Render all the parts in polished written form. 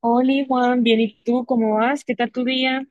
Hola Juan, bien, ¿y tú cómo vas? ¿Qué tal tu día?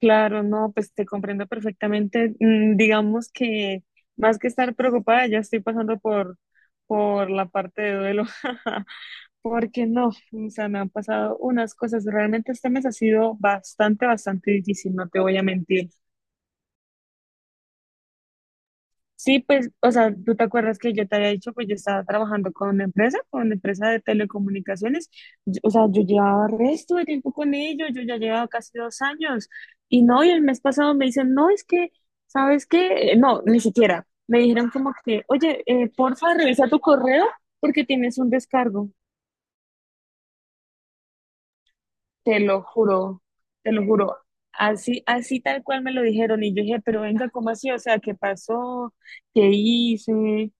Claro, no, pues te comprendo perfectamente. Mm, digamos que más que estar preocupada, ya estoy pasando por la parte de duelo, porque no, o sea, me han pasado unas cosas. Realmente este mes ha sido bastante, bastante difícil, no te voy a mentir. Sí, pues, o sea, tú te acuerdas que yo te había dicho, pues yo estaba trabajando con una empresa de telecomunicaciones. O sea, yo llevaba resto de tiempo con ellos, yo ya llevaba casi 2 años, y no, y el mes pasado me dicen, no, es que, ¿sabes qué? No, ni siquiera, me dijeron como que, oye, porfa, revisa tu correo porque tienes un descargo, te lo juro, te lo juro, así, así tal cual me lo dijeron, y yo dije, pero venga, ¿cómo así? O sea, ¿qué pasó? ¿Qué hice?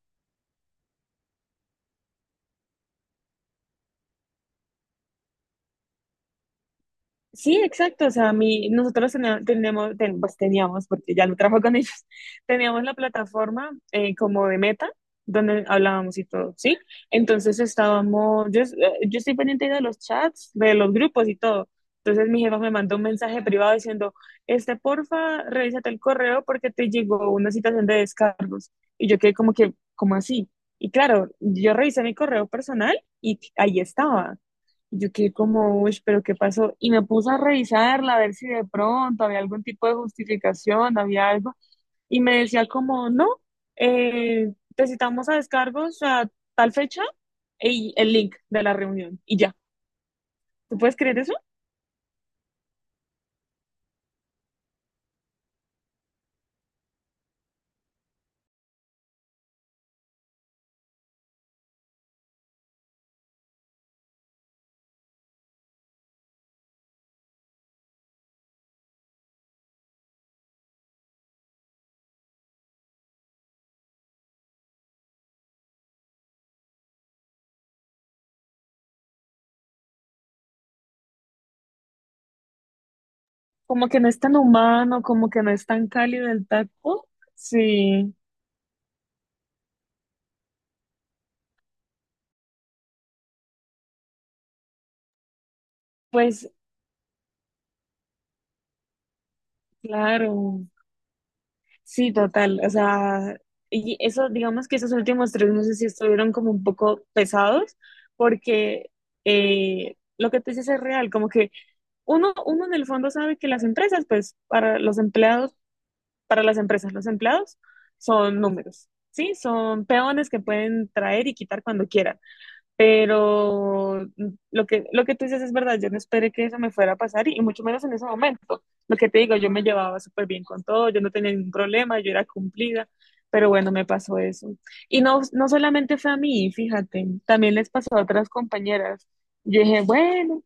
Sí, exacto. O sea, mi, nosotros teníamos, teníamos, ten- pues teníamos, porque ya no trabajo con ellos, teníamos la plataforma como de Meta, donde hablábamos y todo, ¿sí? Entonces estábamos, yo estoy pendiente de los chats, de los grupos y todo. Entonces mi jefa me mandó un mensaje privado diciendo, este, porfa, revísate el correo porque te llegó una situación de descargos. Y yo quedé como que, ¿cómo así? Y claro, yo revisé mi correo personal y ahí estaba. Yo quedé como, uy, pero ¿qué pasó? Y me puse a revisarla, a ver si de pronto había algún tipo de justificación, había algo. Y me decía como, no, te citamos a descargos a tal fecha y el link de la reunión. Y ya, ¿tú puedes creer eso? Como que no es tan humano, como que no es tan cálido el tacto. Sí, pues claro. Sí, total. O sea, y eso, digamos que esos últimos 3 meses sí estuvieron como un poco pesados, porque lo que tú dices es real, como que uno en el fondo sabe que las empresas, pues, para los empleados, para las empresas, los empleados son números, ¿sí? Son peones que pueden traer y quitar cuando quieran. Pero lo que tú dices es verdad, yo no esperé que eso me fuera a pasar y mucho menos en ese momento. Lo que te digo, yo me llevaba súper bien con todo, yo no tenía ningún problema, yo era cumplida, pero bueno, me pasó eso. Y no, no solamente fue a mí, fíjate, también les pasó a otras compañeras. Yo dije, bueno,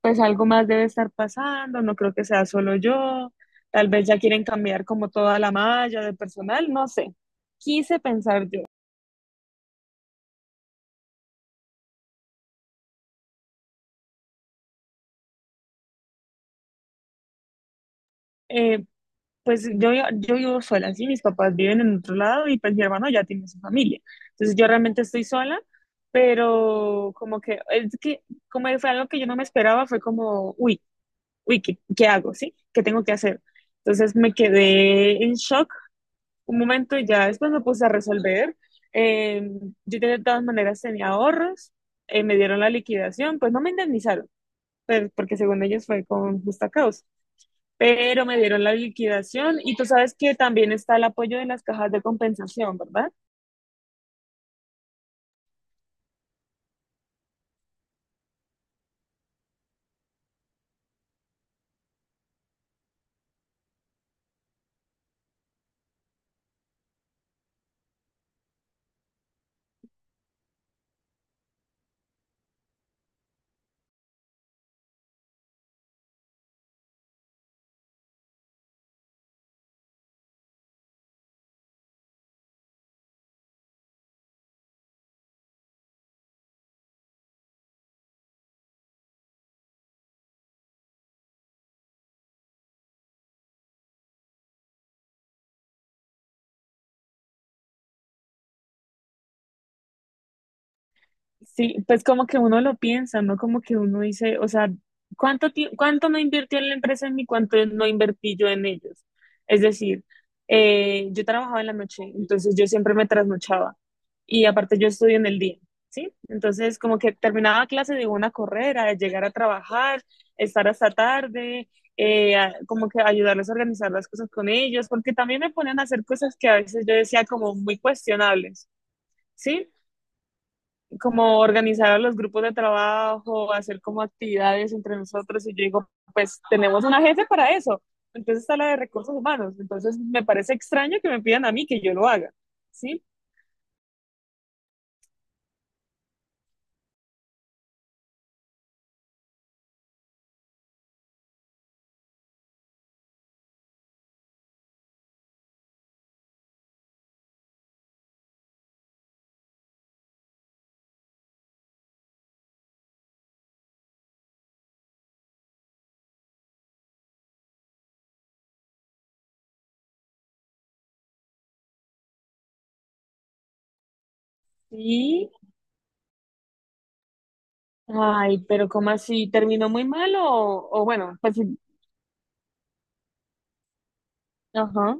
pues algo más debe estar pasando, no creo que sea solo yo, tal vez ya quieren cambiar como toda la malla de personal, no sé, quise pensar yo. Eh, pues yo vivo sola, sí, mis papás viven en otro lado y pues mi hermano ya tiene su familia. Entonces yo realmente estoy sola, pero como que, es que, como fue algo que yo no me esperaba, fue como, uy, uy, ¿qué, qué hago? ¿Sí? ¿Qué tengo que hacer? Entonces me quedé en shock un momento y ya después me puse a resolver. Eh, yo de todas maneras tenía ahorros, me dieron la liquidación, pues no me indemnizaron, pero, porque según ellos fue con justa causa, pero me dieron la liquidación y tú sabes que también está el apoyo de las cajas de compensación, ¿verdad? Sí, pues como que uno lo piensa, ¿no? Como que uno dice, o sea, ¿cuánto no invirtió en la empresa en mí? ¿Cuánto no invertí yo en ellos? Es decir, yo trabajaba en la noche, entonces yo siempre me trasnochaba y aparte yo estudio en el día, ¿sí? Entonces como que terminaba clase de una carrera, llegar a trabajar, estar hasta tarde, como que ayudarles a organizar las cosas con ellos, porque también me ponían a hacer cosas que a veces yo decía como muy cuestionables. ¿Sí? Como organizar a los grupos de trabajo, hacer como actividades entre nosotros y yo digo, pues tenemos una jefe para eso, entonces está la de recursos humanos, entonces me parece extraño que me pidan a mí que yo lo haga, ¿sí? Y, ay, pero ¿cómo así? ¿Terminó muy mal o bueno, pues, sí, ajá.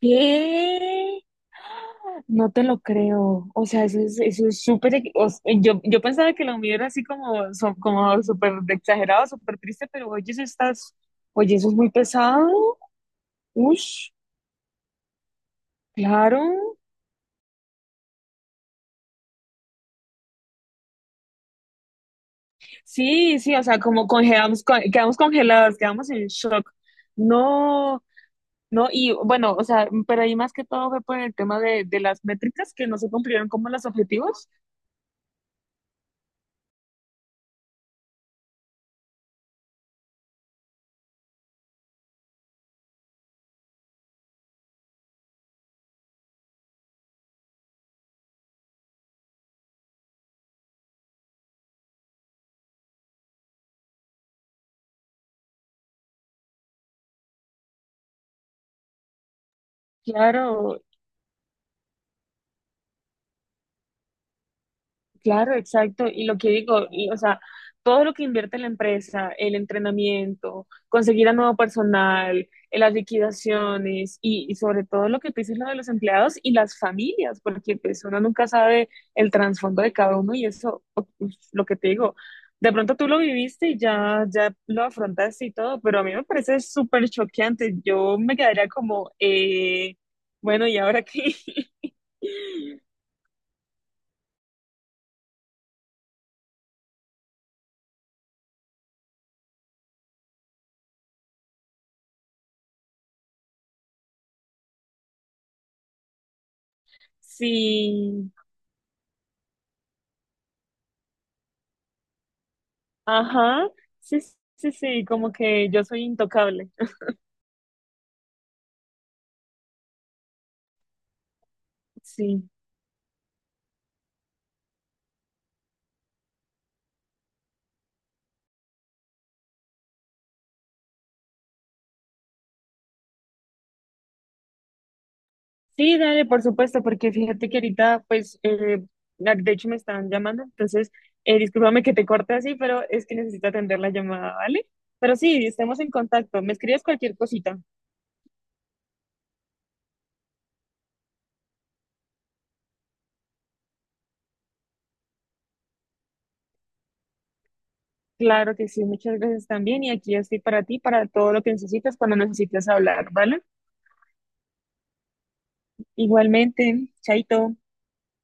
¿Qué? No te lo creo. O sea, eso es súper. Yo pensaba que lo mío era así como, como súper exagerado, súper triste, pero oye, eso estás. Oye, eso es muy pesado. Ush, claro. Sí, sí, o sea, como congelamos, quedamos congelados, quedamos en shock. No, no, y bueno, o sea, pero ahí más que todo fue por el tema de las métricas que no se cumplieron como los objetivos. Claro, claro, exacto. Y lo que digo, y, o sea, todo lo que invierte la empresa, el entrenamiento, conseguir a nuevo personal, las liquidaciones y sobre todo lo que tú dices, lo de los empleados y las familias, porque pues uno nunca sabe el trasfondo de cada uno y eso, uf, lo que te digo, de pronto tú lo viviste y ya, ya lo afrontaste y todo, pero a mí me parece súper choqueante. Yo me quedaría como, bueno, ¿y ahora qué? Sí, ajá, sí, sí, sí, como que yo soy intocable. Sí, sí, dale, por supuesto, porque fíjate que ahorita, pues, de hecho me están llamando, entonces, discúlpame que te corte así, pero es que necesito atender la llamada, ¿vale? Pero sí, estemos en contacto, me escribes cualquier cosita. Claro que sí, muchas gracias también, y aquí estoy para ti, para todo lo que necesitas cuando necesites hablar, ¿vale? Igualmente, chaito.